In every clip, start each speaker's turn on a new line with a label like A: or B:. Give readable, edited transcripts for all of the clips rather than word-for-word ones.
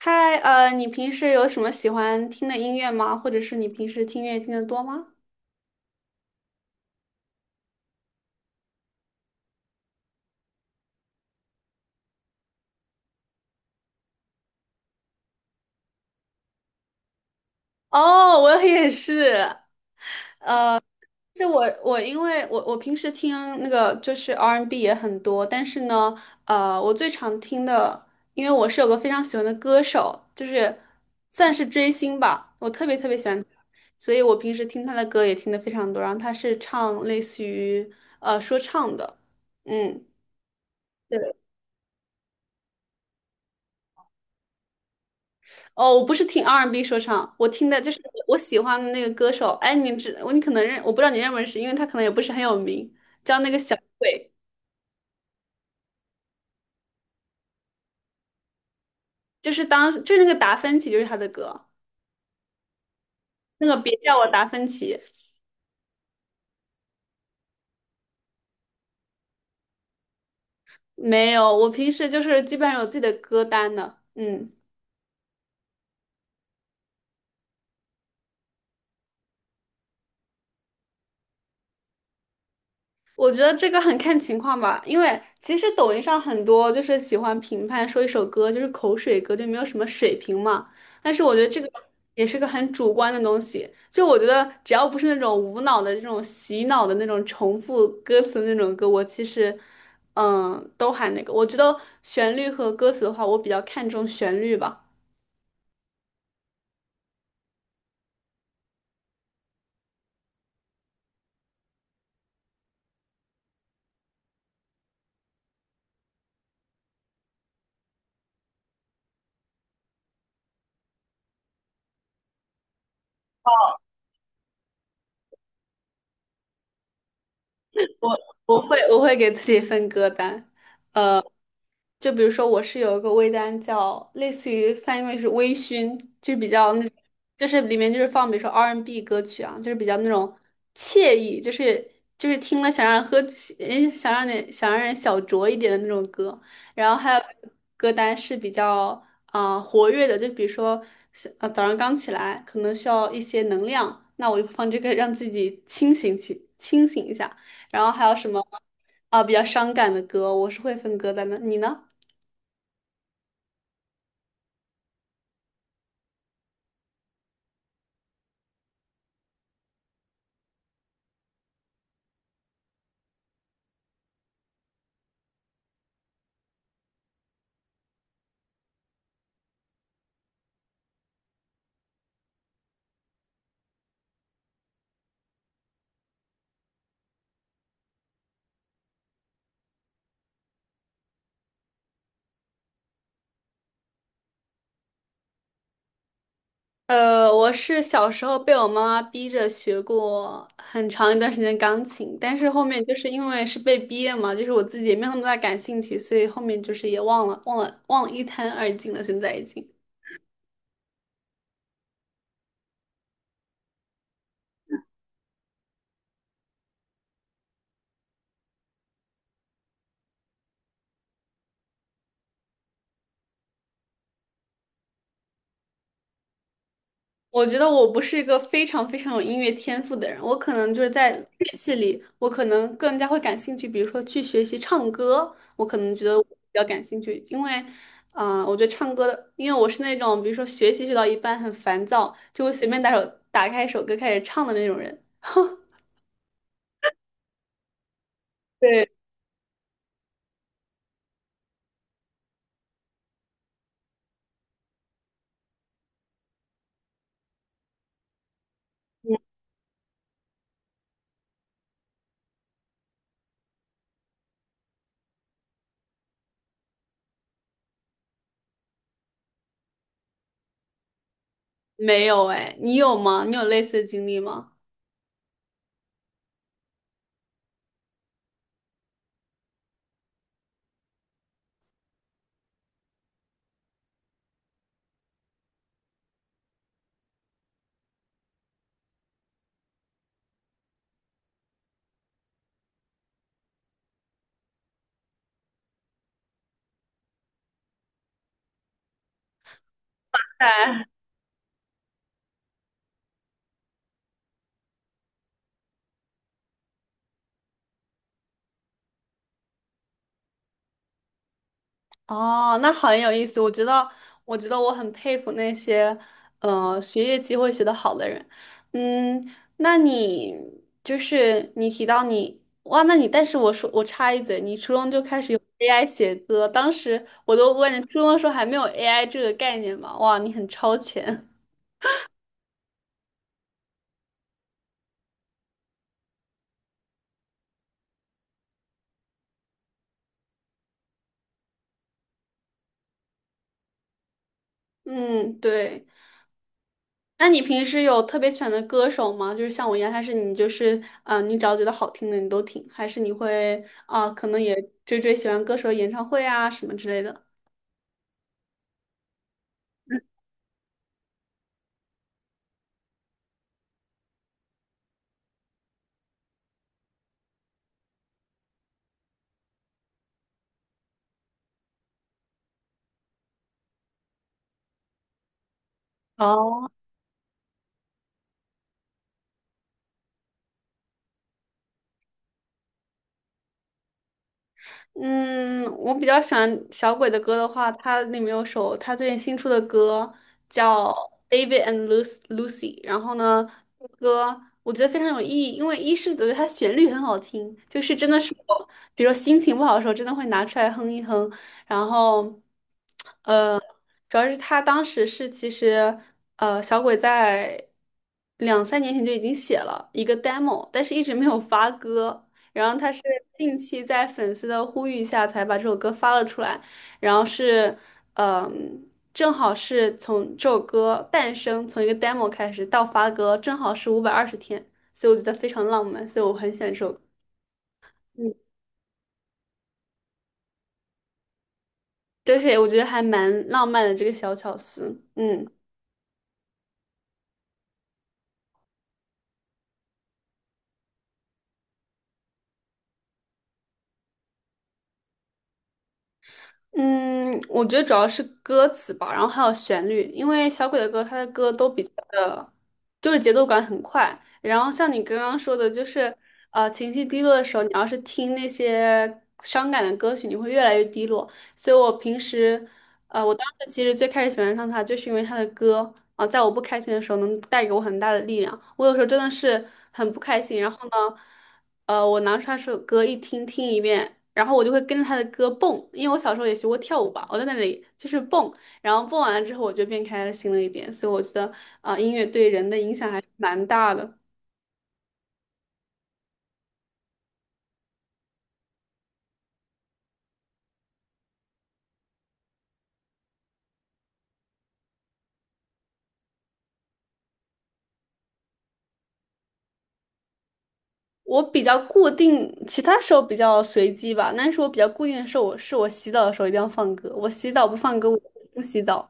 A: 嗨，你平时有什么喜欢听的音乐吗？或者是你平时听音乐听得多吗？哦，我也是。是我因为我平时听那个就是 R&B 也很多，但是呢，我最常听的，因为我是有个非常喜欢的歌手，就是算是追星吧，我特别特别喜欢他，所以我平时听他的歌也听的非常多。然后他是唱类似于说唱的。嗯。对。哦，我不是听 R&B 说唱，我听的就是我喜欢的那个歌手。哎，你知我你可能认，我不知道你认不认识，因为他可能也不是很有名，叫那个小鬼，就是当就是那个达芬奇，就是他的歌。那个别叫我达芬奇。没有，我平时就是基本上有自己的歌单的。嗯。我觉得这个很看情况吧，因为其实抖音上很多就是喜欢评判说一首歌就是口水歌，就没有什么水平嘛。但是我觉得这个也是个很主观的东西，就我觉得只要不是那种无脑的这种洗脑的那种重复歌词的那种歌，我其实嗯都还那个。我觉得旋律和歌词的话，我比较看重旋律吧。我会我会给自己分歌单。就比如说，我是有一个微单叫类似于翻译为是微醺，就是比较那，就是里面就是放比如说 R&B N 歌曲啊，就是比较那种惬意，就是就是听了想让人喝，诶想让你想让人小酌一点的那种歌。然后还有歌单是比较活跃的，就比如说早上刚起来可能需要一些能量，那我就放这个让自己清醒一下。然后还有什么比较伤感的歌，我是会分歌单的，你呢？我是小时候被我妈妈逼着学过很长一段时间钢琴，但是后面就是因为是被逼的嘛，就是我自己也没有那么大感兴趣，所以后面就是也忘了一干二净了，现在已经。我觉得我不是一个非常非常有音乐天赋的人，我可能就是在乐器里，我可能更加会感兴趣，比如说去学习唱歌，我可能觉得我比较感兴趣，因为，我觉得唱歌的，因为我是那种比如说学习学到一半很烦躁，就会随便打首打开一首歌开始唱的那种人。对。嗯没有哎，你有吗？你有类似的经历吗？哦，那很有意思。我觉得，我觉得我很佩服那些，学业机会学得好的人。嗯，那你就是你提到你，哇，那你，但是我说我插一嘴，你初中就开始用 AI 写歌，当时我都问，你初中的时候还没有 AI 这个概念嘛？哇，你很超前。嗯，对。那你平时有特别喜欢的歌手吗？就是像我一样，还是你就是你只要觉得好听的你都听，还是你会啊、可能也追喜欢歌手的演唱会啊什么之类的？哦。嗯，我比较喜欢小鬼的歌的话，他里面有首他最近新出的歌叫《David and Lucy》,然后呢，这个歌我觉得非常有意义，因为一是觉得它旋律很好听，就是真的是我，比如说心情不好的时候，真的会拿出来哼一哼，然后。主要是他当时是其实，小鬼在2、3年前就已经写了一个 demo,但是一直没有发歌。然后他是近期在粉丝的呼吁下才把这首歌发了出来，然后是，正好是从这首歌诞生，从一个 demo 开始到发歌，正好是520天，所以我觉得非常浪漫，所以我很喜欢这首歌。嗯，就是我觉得还蛮浪漫的这个小巧思。嗯。嗯，我觉得主要是歌词吧，然后还有旋律，因为小鬼的歌，他的歌都比较的，就是节奏感很快。然后像你刚刚说的，就是情绪低落的时候，你要是听那些伤感的歌曲，你会越来越低落。所以我平时，我当时其实最开始喜欢上他，就是因为他的歌啊，在我不开心的时候能带给我很大的力量。我有时候真的是很不开心，然后呢。我拿出他首歌听一遍，然后我就会跟着他的歌蹦，因为我小时候也学过跳舞吧，我在那里就是蹦，然后蹦完了之后我就变开心了一点，所以我觉得音乐对人的影响还蛮大的。我比较固定，其他时候比较随机吧，但是我比较固定的是我是我洗澡的时候一定要放歌，我洗澡不放歌我不洗澡。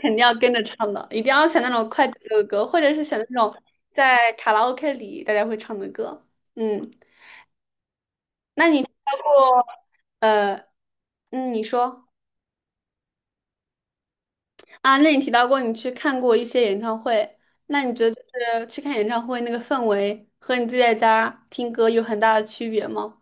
A: 肯定要跟着唱的，一定要选那种快节奏的歌，或者是选那种在卡拉 OK 里大家会唱的歌。嗯。嗯，你说。啊，那你提到过你去看过一些演唱会，那你觉得就是去看演唱会那个氛围和你自己在家听歌有很大的区别吗？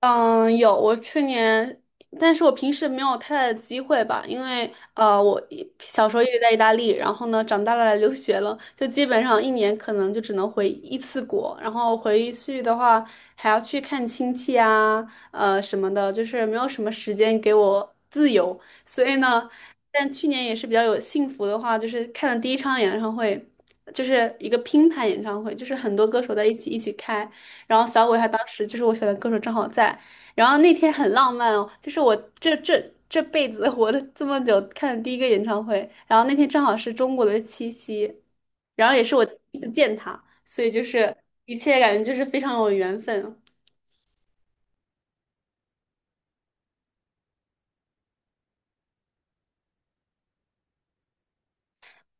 A: 嗯，有，我去年，但是我平时没有太大的机会吧，因为我小时候一直在意大利，然后呢，长大了来留学了，就基本上一年可能就只能回一次国，然后回去的话还要去看亲戚啊，什么的，就是没有什么时间给我自由，所以呢，但去年也是比较有幸福的话，就是看了第一场演唱会，就是一个拼盘演唱会，就是很多歌手在一起开。然后小鬼他当时就是我选的歌手正好在，然后那天很浪漫哦，就是我这辈子 活的这么久看的第一个演唱会，然后那天正好是中国的七夕，然后也是我第一次见他，所以就是一切感觉就是非常有缘分哦。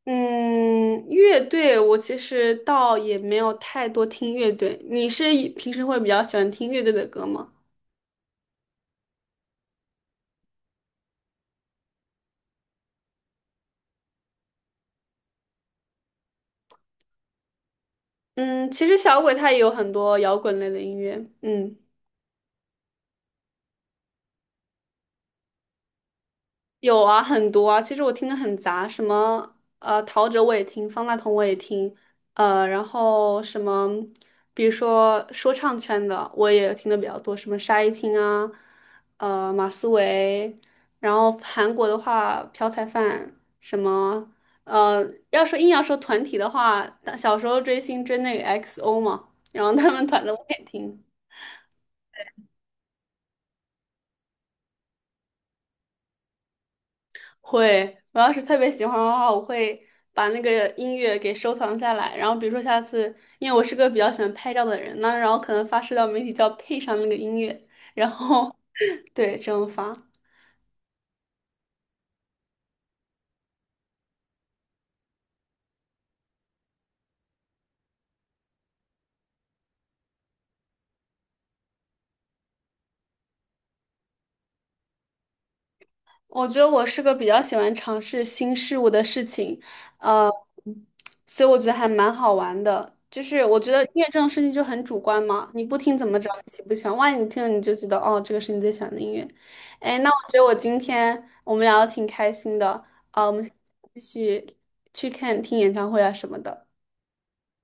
A: 嗯，乐队我其实倒也没有太多听乐队，你是平时会比较喜欢听乐队的歌吗？嗯，其实小鬼他也有很多摇滚类的音乐，嗯。有啊，很多啊。其实我听的很杂，什么陶喆我也听，方大同我也听，然后什么，比如说说唱圈的我也听的比较多，什么沙一汀啊，马思唯，然后韩国的话朴彩范，什么呃，硬要说团体的话，小时候追星追那个 XO 嘛，然后他们团的我也听。会，我要是特别喜欢的话，我会把那个音乐给收藏下来，然后比如说下次，因为我是个比较喜欢拍照的人，那然后可能发社交媒体就要配上那个音乐，然后 对，这么发。我觉得我是个比较喜欢尝试新事物的事情，呃，所以我觉得还蛮好玩的。就是我觉得音乐这种事情就很主观嘛，你不听怎么知道你喜不喜欢？万一你听了你就知道，哦，这个是你最喜欢的音乐。哎，那我觉得我今天我们聊的挺开心的，啊，我们继续去听演唱会啊什么的。